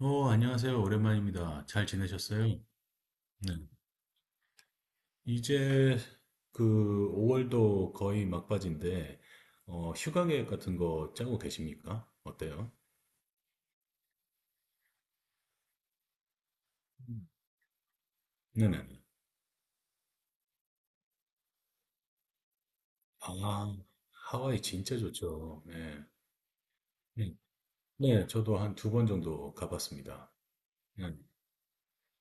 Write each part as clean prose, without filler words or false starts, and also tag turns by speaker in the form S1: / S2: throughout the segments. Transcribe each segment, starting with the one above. S1: 안녕하세요. 오랜만입니다. 잘 지내셨어요? 네. 이제 그 5월도 거의 막바지인데, 휴가 계획 같은 거 짜고 계십니까? 어때요? 음. 네네. 아, 하와이 진짜 좋죠. 네. 네. 네, 저도 한 두 번 정도 가봤습니다. 네.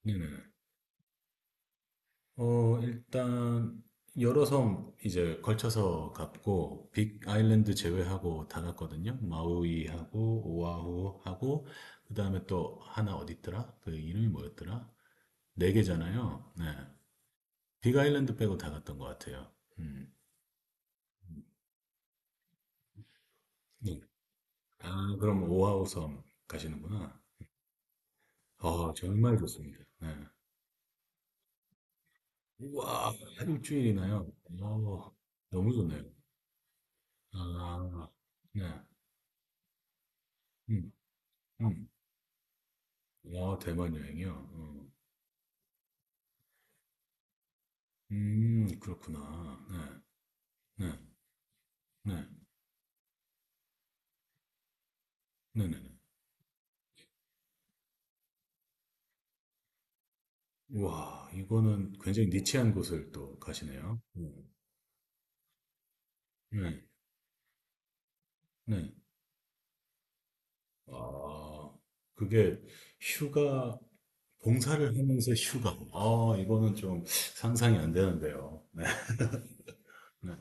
S1: 네네. 일단 여러 섬 이제 걸쳐서 갔고 빅 아일랜드 제외하고 다 갔거든요. 마우이하고 오아후하고 그다음에 또 하나 어디 있더라? 그 이름이 뭐였더라? 네 개잖아요. 네. 빅 아일랜드 빼고 다 갔던 것 같아요. 음. 네. 아, 그럼 오아후 섬 가시는구나. 아, 정말 좋습니다. 네. 우와, 한 일주일이나요? 어, 너무 좋네요. 아, 네. 음, 음. 와, 대만 여행이요? 어. 그렇구나. 네, 네, 네, 네, 네, 네. 와, 이거는 굉장히 니치한 곳을 또 가시네요. 네, 네. 아, 그게 휴가, 봉사를 하면서 휴가. 아, 이거는 좀 상상이 안 되는데요. 네, 네.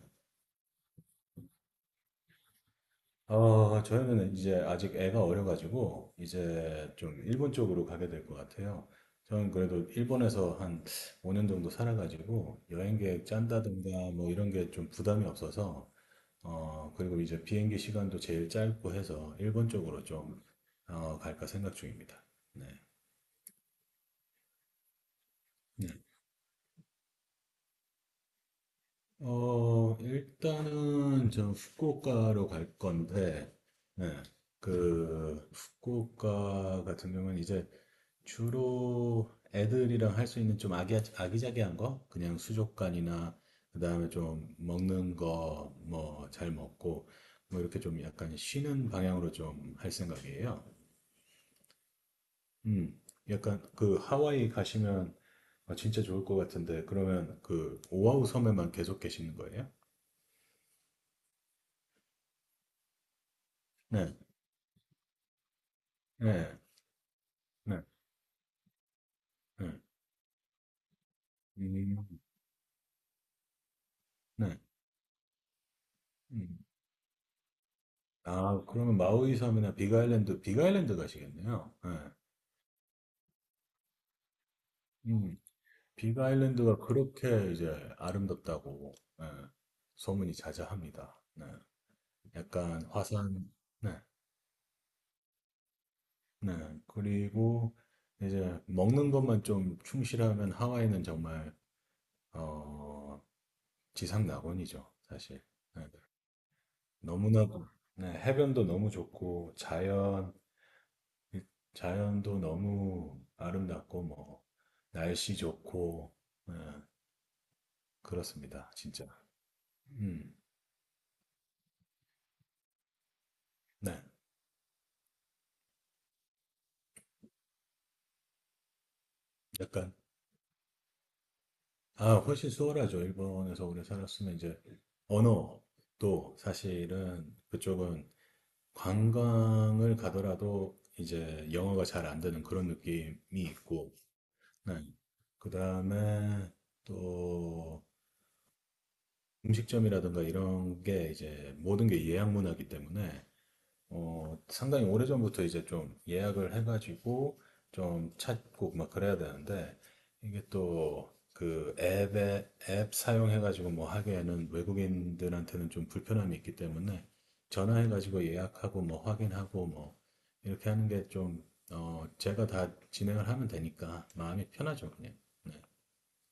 S1: 저희는 이제 아직 애가 어려가지고 이제 좀 일본 쪽으로 가게 될 것 같아요. 저는 그래도 일본에서 한 5년 정도 살아가지고 여행 계획 짠다든가 뭐 이런 게 좀 부담이 없어서 그리고 이제 비행기 시간도 제일 짧고 해서 일본 쪽으로 좀 갈까 생각 중입니다. 네. 네. 일단은 저 후쿠오카로 갈 건데 네. 그 후쿠오카 같은 경우는 이제 주로 애들이랑 할 수 있는 좀 아기자기한 거? 그냥 수족관이나, 그 다음에 좀 먹는 거, 뭐, 잘 먹고, 뭐, 이렇게 좀 약간 쉬는 방향으로 좀 할 생각이에요. 음, 약간 그 하와이 가시면 아, 진짜 좋을 것 같은데, 그러면 그 오아후 섬에만 계속 계시는 거예요? 네, 네, 네, 네. 음, 네. 음. 아, 그러면 마우이 섬이나 빅아일랜드 가시겠네요. 네. 음. 빅 아일랜드가 그렇게 이제 아름답다고 네, 소문이 자자합니다. 네, 약간 화산, 네, 네. 그리고 이제 먹는 것만 좀 충실하면 하와이는 정말 어, 지상 낙원이죠, 사실. 네, 너무나도 네, 해변도 너무 좋고 자연도 너무 아름답고 뭐 날씨 좋고 네, 그렇습니다, 진짜. 음, 네, 약간 아, 훨씬 수월하죠. 일본에서 오래 살았으면 이제 언어도 사실은 그쪽은 관광을 가더라도 이제 영어가 잘 안 되는 그런 느낌이 있고, 네. 그다음에 또 음식점이라든가 이런 게 이제 모든 게 예약 문화이기 때문에 상당히 오래전부터 이제 좀 예약을 해가지고 좀 찾고 막 그래야 되는데 이게 또 그 앱에 앱 사용해가지고 뭐 하기에는 외국인들한테는 좀 불편함이 있기 때문에 전화해가지고 예약하고 뭐 확인하고 뭐 이렇게 하는 게 좀, 제가 다 진행을 하면 되니까 마음이 편하죠, 그냥. 네.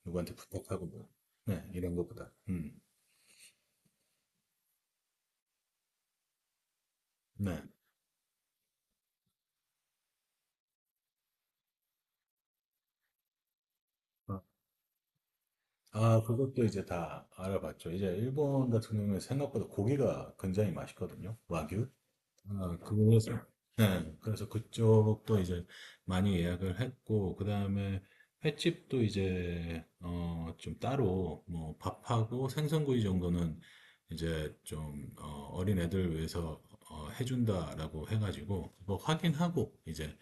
S1: 누구한테 부탁하고 뭐. 네, 이런 것보다. 네. 아, 그것도 이제 다 알아봤죠. 이제 일본 같은 경우에 생각보다 고기가 굉장히 맛있거든요. 와규. 아, 그래서, 네, 네. 그래서 그쪽도 이제 많이 예약을 했고, 그 다음에 횟집도 이제, 좀 따로, 뭐, 밥하고 생선구이 정도는 이제 좀, 어린 애들 위해서, 해준다라고 해가지고, 그거 확인하고 이제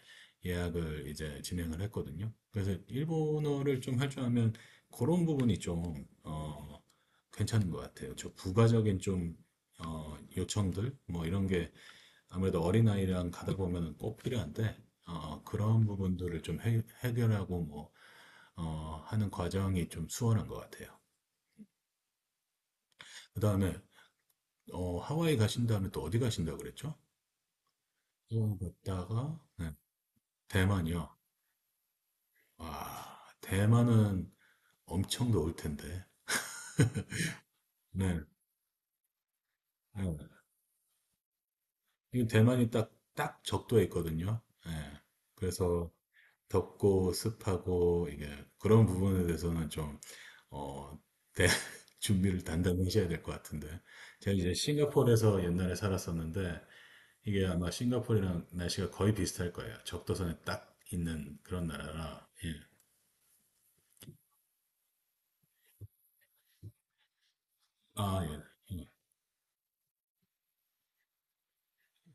S1: 예약을 이제 진행을 했거든요. 그래서 일본어를 좀 할 줄 알면 그런 부분이 좀, 괜찮은 것 같아요. 저 부가적인 좀, 요청들, 뭐 이런 게 아무래도 어린아이랑 가다 보면은 꼭 필요한데, 그런 부분들을 좀 해결하고 뭐, 하는 과정이 좀 수월한 것 같아요. 그 다음에, 하와이 가신 다음에 또 어디 가신다고 그랬죠? 또 갔다가, 네, 대만이요. 와, 대만은 엄청 더울 텐데. 네, 네. 이 대만이 딱, 딱 적도에 있거든요. 네. 그래서 덥고 습하고, 이게, 그런 부분에 대해서는 좀 어, 대, 준비를 단단히 하셔야 될 것 같은데. 제가 이제 싱가포르에서 옛날에 살았었는데, 이게 아마 싱가포르랑 날씨가 거의 비슷할 거예요. 적도선에 딱 있는 그런 나라라, 예. 아, 예. 예.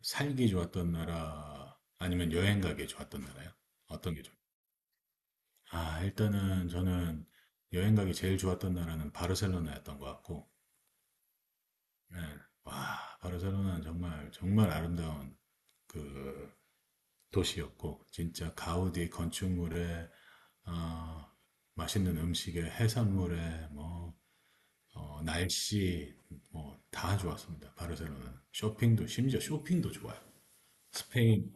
S1: 살기 좋았던 나라, 아니면 여행 가기 좋았던 나라요? 어떤 게 좋아요? 아, 일단은 저는 여행 가기 제일 좋았던 나라는 바르셀로나였던 것 같고, 예. 와, 바르셀로나는 정말, 정말 아름다운 그 도시였고 진짜 가우디 건축물에 어, 맛있는 음식에 해산물에 뭐 날씨 뭐 다 좋았습니다. 바르셀로나는 쇼핑도 심지어 쇼핑도 좋아요. 스페인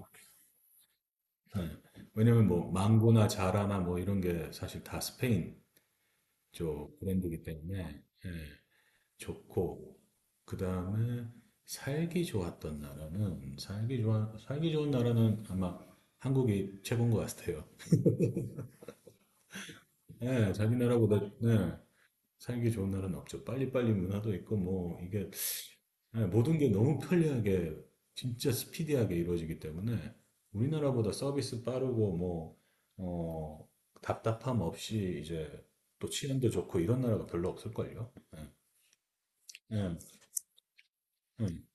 S1: 네. 왜냐면 뭐 망고나 자라나 뭐 이런 게 사실 다 스페인 쪽 브랜드이기 때문에 예, 좋고 그 다음에 살기 좋았던 나라는 살기 좋은 나라는 아마 한국이 최고인 것 같아요. 예, 자기 나라보다 네, 살기 좋은 나라는 없죠. 빨리빨리 문화도 있고 뭐 이게 예, 모든 게 너무 편리하게 진짜 스피디하게 이루어지기 때문에 우리나라보다 서비스 빠르고 뭐 어, 답답함 없이 이제 또 치안도 좋고 이런 나라가 별로 없을걸요. 예, 예, 음.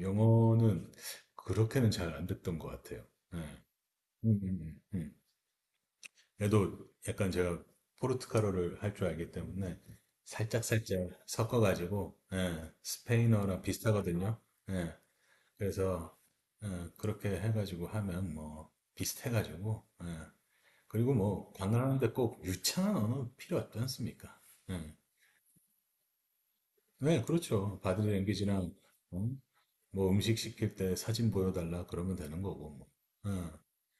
S1: 영어는 그렇게는 잘 안 됐던 것 같아요. 예, 음, 음, 음. 그래도 약간 제가 포르투갈어를 할 줄 알기 때문에 살짝살짝 섞어가지고 예, 스페인어랑 비슷하거든요. 예, 그래서 예, 그렇게 해가지고 하면 뭐 비슷해가지고 예, 그리고 뭐 관광하는데 꼭 유창한 언어 필요 없지 않습니까? 예. 네, 그렇죠. 바디랭귀지랑 어? 뭐 음식 시킬 때 사진 보여달라 그러면 되는 거고 뭐. 예,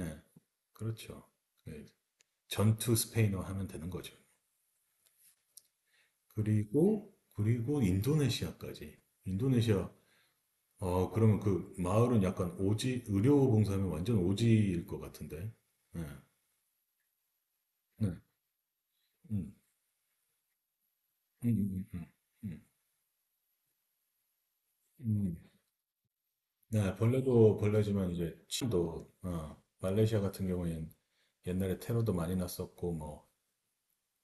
S1: 예, 그렇죠. 예, 전투 스페인어 하면 되는 거죠. 그리고 인도네시아까지. 인도네시아, 아, 그러면 그 마을은 약간 오지, 의료봉사하면 완전 오지일 것 같은데. 네. 네. 음, 음, 음, 음, 음, 음. 네, 벌레도 벌레지만 이제 침도, 말레이시아 같은 경우엔 옛날에 테러도 많이 났었고, 뭐,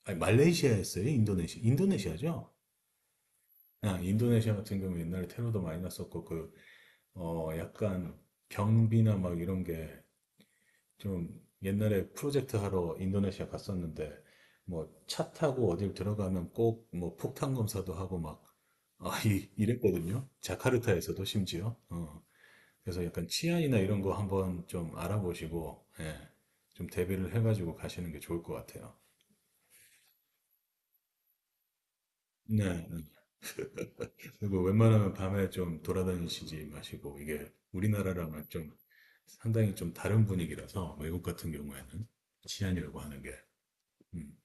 S1: 아니, 말레이시아였어요? 인도네시아? 인도네시아죠? 아, 인도네시아 같은 경우 옛날에 테러도 많이 났었고, 그, 약간 경비나 막 이런 게 좀 옛날에 프로젝트 하러 인도네시아 갔었는데 뭐 차 타고 어딜 들어가면 꼭 뭐 폭탄 검사도 하고 막 아, 이랬거든요. 자카르타에서도 심지어. 그래서 약간 치안이나 이런 거 한번 좀 알아보시고 예, 좀 대비를 해가지고 가시는 게 좋을 것 같아요. 네. 네. 그리고 웬만하면 밤에 좀 돌아다니시지 마시고 이게 우리나라랑은 좀 상당히 좀 다른 분위기라서 외국 같은 경우에는 치안이라고 하는 게 음,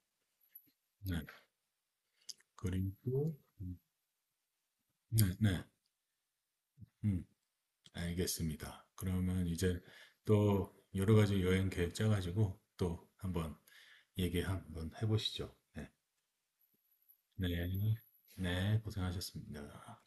S1: 네. 그리고 네, 네, 음, 알겠습니다. 그러면 이제 또 여러 가지 여행 계획 짜가지고 또 한번 얘기 한번 해보시죠. 네, 네, 네, 고생하셨습니다.